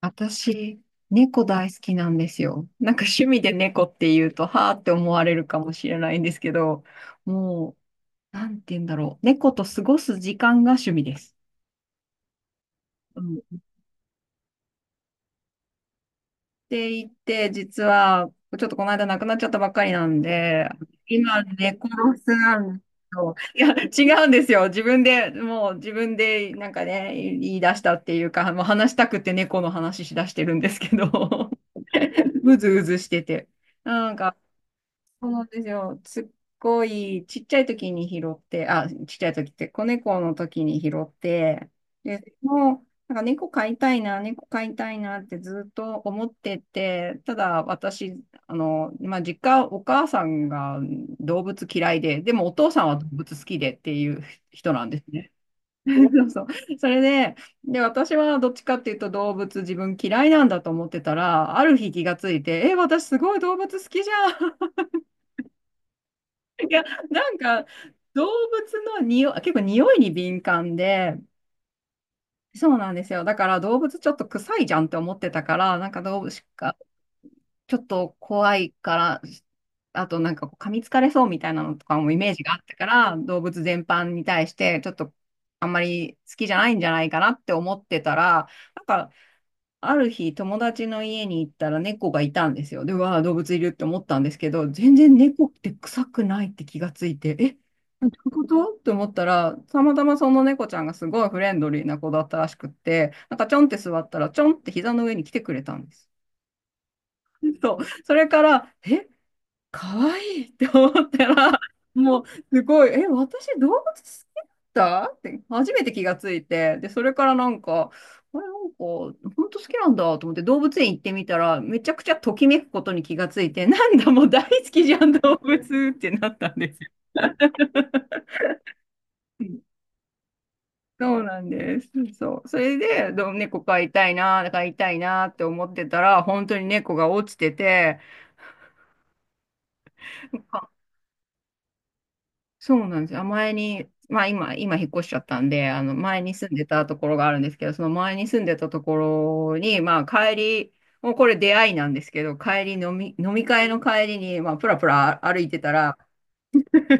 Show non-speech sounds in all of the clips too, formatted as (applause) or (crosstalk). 私、猫大好きなんですよ。なんか趣味で猫って言うと、はーって思われるかもしれないんですけど、もなんて言うんだろう。猫と過ごす時間が趣味です。うん。って言って、実は、ちょっとこの間亡くなっちゃったばっかりなんで、今、猫ロスなんですよ。いや、違うんですよ。自分で、なんかね、言い出したっていうか、もう話したくて猫の話しだしてるんですけど、(laughs) うずうずしてて。なんか、そうなんですよ。すっごいちっちゃい時に拾って、あ、ちっちゃい時って子猫の時に拾って、で、もう、なんか猫飼いたいなってずっと思ってて、ただ私、まあ、実家、お母さんが動物嫌いで、でもお父さんは動物好きでっていう人なんですね。(laughs) そうそう。それで、私はどっちかっていうと動物自分嫌いなんだと思ってたら、ある日気がついて、え、私すごい動物好きじゃん。いや、なんか、動物の匂い、結構匂いに敏感で、そうなんですよ。だから動物ちょっと臭いじゃんって思ってたから、なんか動物がちょっと怖いから、あとなんかこう噛みつかれそうみたいなのとかもイメージがあったから、動物全般に対してちょっとあんまり好きじゃないんじゃないかなって思ってたら、なんかある日、友達の家に行ったら猫がいたんですよ。で、うわあ、動物いるって思ったんですけど、全然猫って臭くないって気がついて、え、どういうことって思ったら、たまたまその猫ちゃんがすごいフレンドリーな子だったらしくって、なんかちょんって座ったら、ちょんって膝の上に来てくれたんです。そう。それから、え、可愛いって思ったら、もうすごい、え、私動物好きだったって初めて気がついて、で、それからなんか、あれ、なんか、本当好きなんだと思って動物園行ってみたら、めちゃくちゃときめくことに気がついて、なんだ、もう大好きじゃん、動物ってなったんですよ。(laughs) うん、そうなんです。そう。それで、どう猫飼いたいなって思ってたら、本当に猫が落ちてて、そうなんですよ。前に、まあ今引っ越しちゃったんで、あの前に住んでたところがあるんですけど、その前に住んでたところに、まあ帰り、もうこれ出会いなんですけど、帰り飲み会の帰りに、まあプラプラ歩いてたら、(laughs)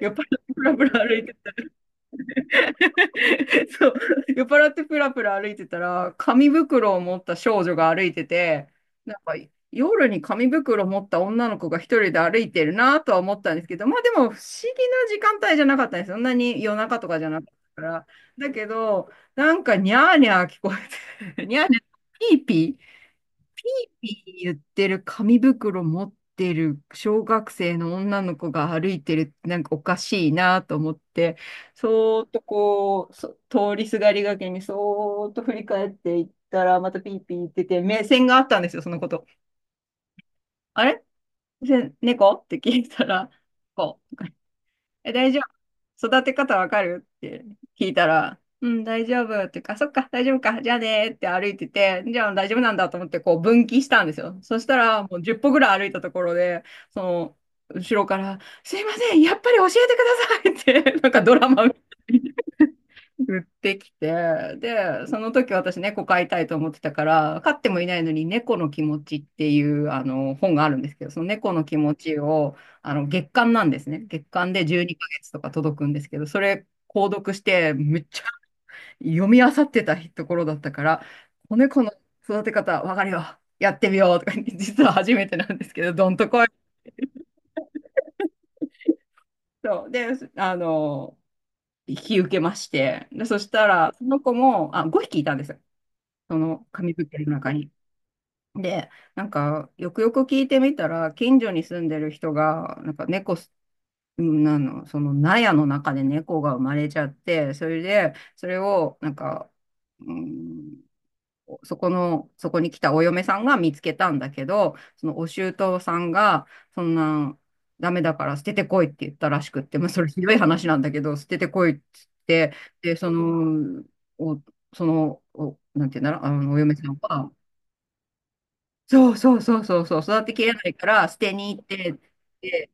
酔っ払ってプラプラ歩いて、 (laughs) そう、酔っ払ってプラプラ歩いてたら、紙袋を持った少女が歩いてて、なんか夜に紙袋を持った女の子が一人で歩いてるなとは思ったんですけど、まあでも不思議な時間帯じゃなかったんですよ。そんなに夜中とかじゃなかったから。だけど、なんかニャーニャー聞こえて、(laughs) ニャーニャー、ピーピー言ってる紙袋持ってる小学生の女の子が歩いてるってなんかおかしいなと思って、そーっと通りすがりがけにそーっと振り返っていったら、またピーピー言ってて、目線があったんですよ、そのこと。あれせ猫って聞いたら、こう。え、大丈夫。育て方わかるって聞いたら、うん、大丈夫っていうか、そっか、大丈夫か、じゃあねーって歩いてて、じゃあ大丈夫なんだと思ってこう分岐したんですよ。そしたら、もう10歩ぐらい歩いたところで、その、後ろから、すいません、やっぱり教えてくださいって、なんかドラマみたいに売ってきて、で、その時私猫飼いたいと思ってたから、飼ってもいないのに猫の気持ちっていうあの本があるんですけど、その猫の気持ちをあの月間なんですね。月間で12ヶ月とか届くんですけど、それ購読してめっちゃ読み漁ってたところだったから、子猫の育て方わかるよ。やってみようとか言って、実は初めてなんですけど、どんとこい。そう。で、あの、引き受けまして、で、そしたら、その子も、あ、5匹いたんですよ。その紙袋の中に。で、なんか、よくよく聞いてみたら、近所に住んでる人が、なんか猫す、うんなの、その納屋の中で猫が生まれちゃって、それで、それを、なんか、うん、そこに来たお嫁さんが見つけたんだけど、そのお舅さんが、そんな、ダメだから捨ててこいって言ったらしくって、まあ、それひどい話なんだけど、捨ててこいって言って、で、その、お、その、お、なんて言うんだろう、あの、お嫁さんは、そうそうそうそうそう、育てきれないから捨てに行って、で、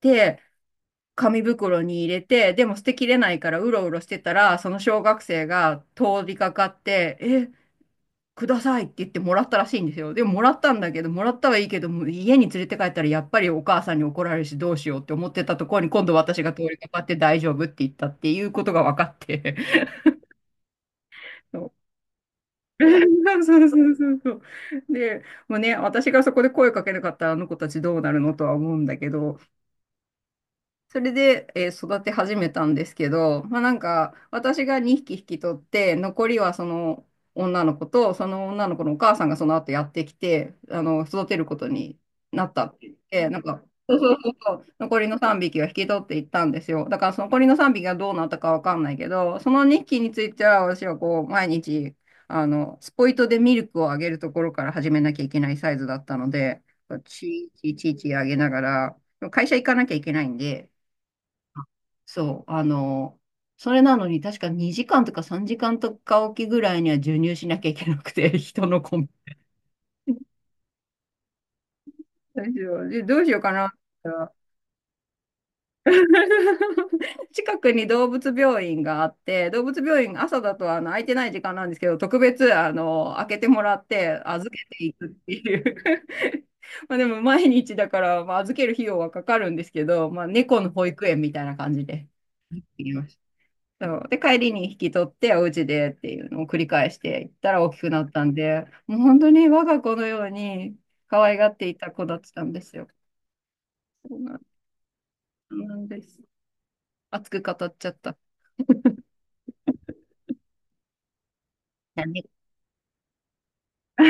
で、紙袋に入れて、でも捨てきれないからうろうろしてたら、その小学生が通りかかって、え、くださいって言ってもらったらしいんですよ。でももらったんだけど、もらったはいいけど、もう家に連れて帰ったらやっぱりお母さんに怒られるしどうしようって思ってたところに今度私が通りかかって大丈夫って言ったっていうことが分かって。そう、 (laughs) そうそうそうそう。で、もうね、私がそこで声かけなかったらあの子たちどうなるのとは思うんだけど、それで、えー育て始めたんですけど、まあなんか、私が2匹引き取って、残りはその女の子と、その女の子のお母さんがその後やってきて、あの、育てることになったって言って、なんか、そうそうそうそう、残りの3匹は引き取っていったんですよ。だからその残りの3匹がどうなったかわかんないけど、その2匹については私はこう、毎日、あの、スポイトでミルクをあげるところから始めなきゃいけないサイズだったので、ちいちいちいちあげながら、会社行かなきゃいけないんで、そう、あの、それなのに確か2時間とか3時間とかおきぐらいには授乳しなきゃいけなくて、(laughs) 人のコンビどうしよう、でどうしようかな。(laughs) 近くに動物病院があって、動物病院、朝だとあの空いてない時間なんですけど、特別あの開けてもらって預けていくっていう、 (laughs) まあでも毎日だから、まあ、預ける費用はかかるんですけど、まあ、猫の保育園みたいな感じで行きました。そうで、帰りに引き取って、お家でっていうのを繰り返していったら大きくなったんで、もう本当に我が子のように可愛がっていた子だったんですよ。そうなんです。熱く語っちゃった。なんで (laughs)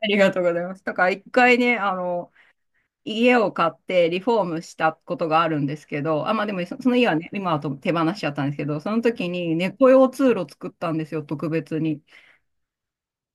ありがとうございます。だから一回ね、家を買ってリフォームしたことがあるんですけど、あ、まあでもその家はね、今はと手放しちゃったんですけど、その時に猫用通路作ったんですよ、特別に。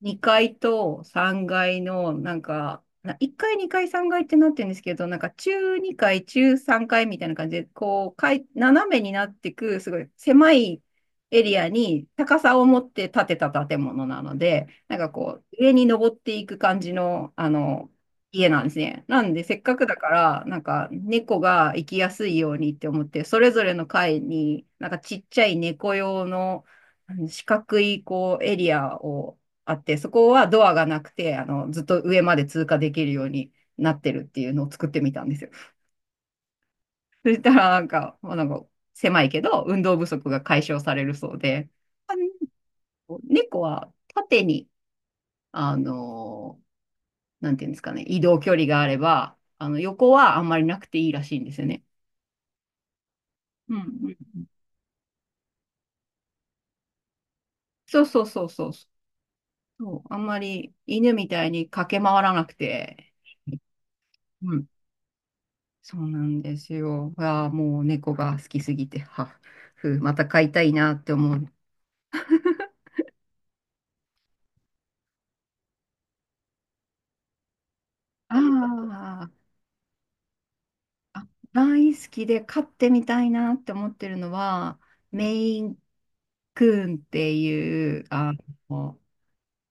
2階と3階の、1階、2階、3階ってなってるんですけど、なんか中2階、中3階みたいな感じで、こう、かい斜めになってく、すごい狭いエリアに高さを持って建てた建物なので、なんかこう、上に登っていく感じの、家なんですね。なんで、せっかくだから、なんか猫が行きやすいようにって思って、それぞれの階に、なんかちっちゃい猫用の、あの四角いこうエリアをあって、そこはドアがなくて、ずっと上まで通過できるようになってるっていうのを作ってみたんですよ。(laughs) そしたら、狭いけど、運動不足が解消されるそうで、あ猫は縦に、あの、なんていうんですかね、移動距離があれば、あの、横はあんまりなくていいらしいんですよね。うんうんうん、そうそうそうそうそう。あんまり犬みたいに駆け回らなくて、うん、そうなんですよ。ああ、もう猫が好きすぎて、また飼いたいなって思う。(laughs) あーあ、あ大好きで飼ってみたいなって思ってるのは、メインクーンっていう、の、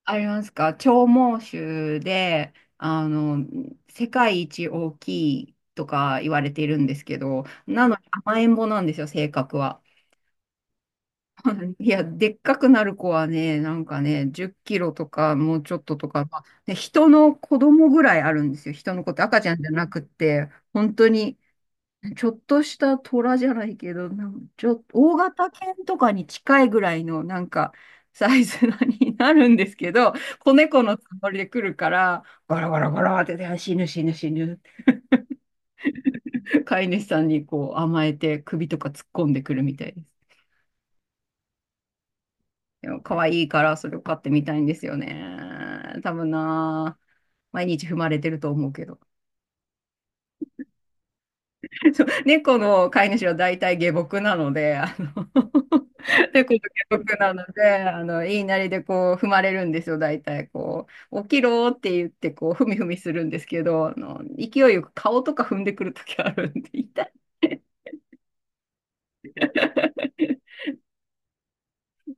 ありますか、長毛種で、世界一大きいとか言われているんですけど、なのに甘えん坊なんですよ、性格は。(laughs) いや、でっかくなる子はね、なんかね、10キロとか、もうちょっととか、まあ、ね、人の子供ぐらいあるんですよ。人の子って赤ちゃんじゃなくって、本当に、ちょっとした虎じゃないけど、ちょっと、大型犬とかに近いぐらいの、なんか、サイズになるんですけど、子猫のつもりで来るから、ゴロゴロゴロって、死ぬ死ぬ死ぬ、飼い主さんにこう甘えて首とか突っ込んでくるみたいです。可愛いからそれを買ってみたいんですよね。多分な、毎日踏まれてると思うけど。(laughs) そう猫の飼い主は大体下僕なので、(laughs) 猫の下僕なので、言いなりでこう踏まれるんですよ、大体。こう、起きろって言ってこう、ふみふみするんですけど、勢いよく顔とか踏んでくるときあるんで、痛い。(laughs)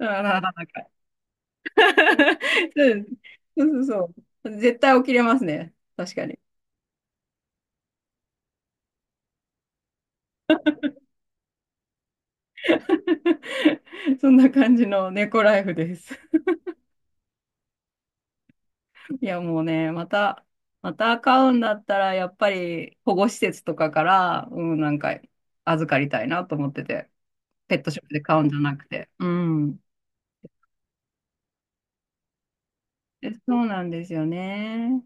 あなかなか。(laughs) そうそうそうそう。絶対起きれますね。確かに。(laughs) そんな感じの猫ライフです。(laughs) いや、もうね、また飼うんだったら、やっぱり保護施設とかから、うん、なんか預かりたいなと思ってて、ペットショップで飼うんじゃなくて。うん。でそうなんですよね。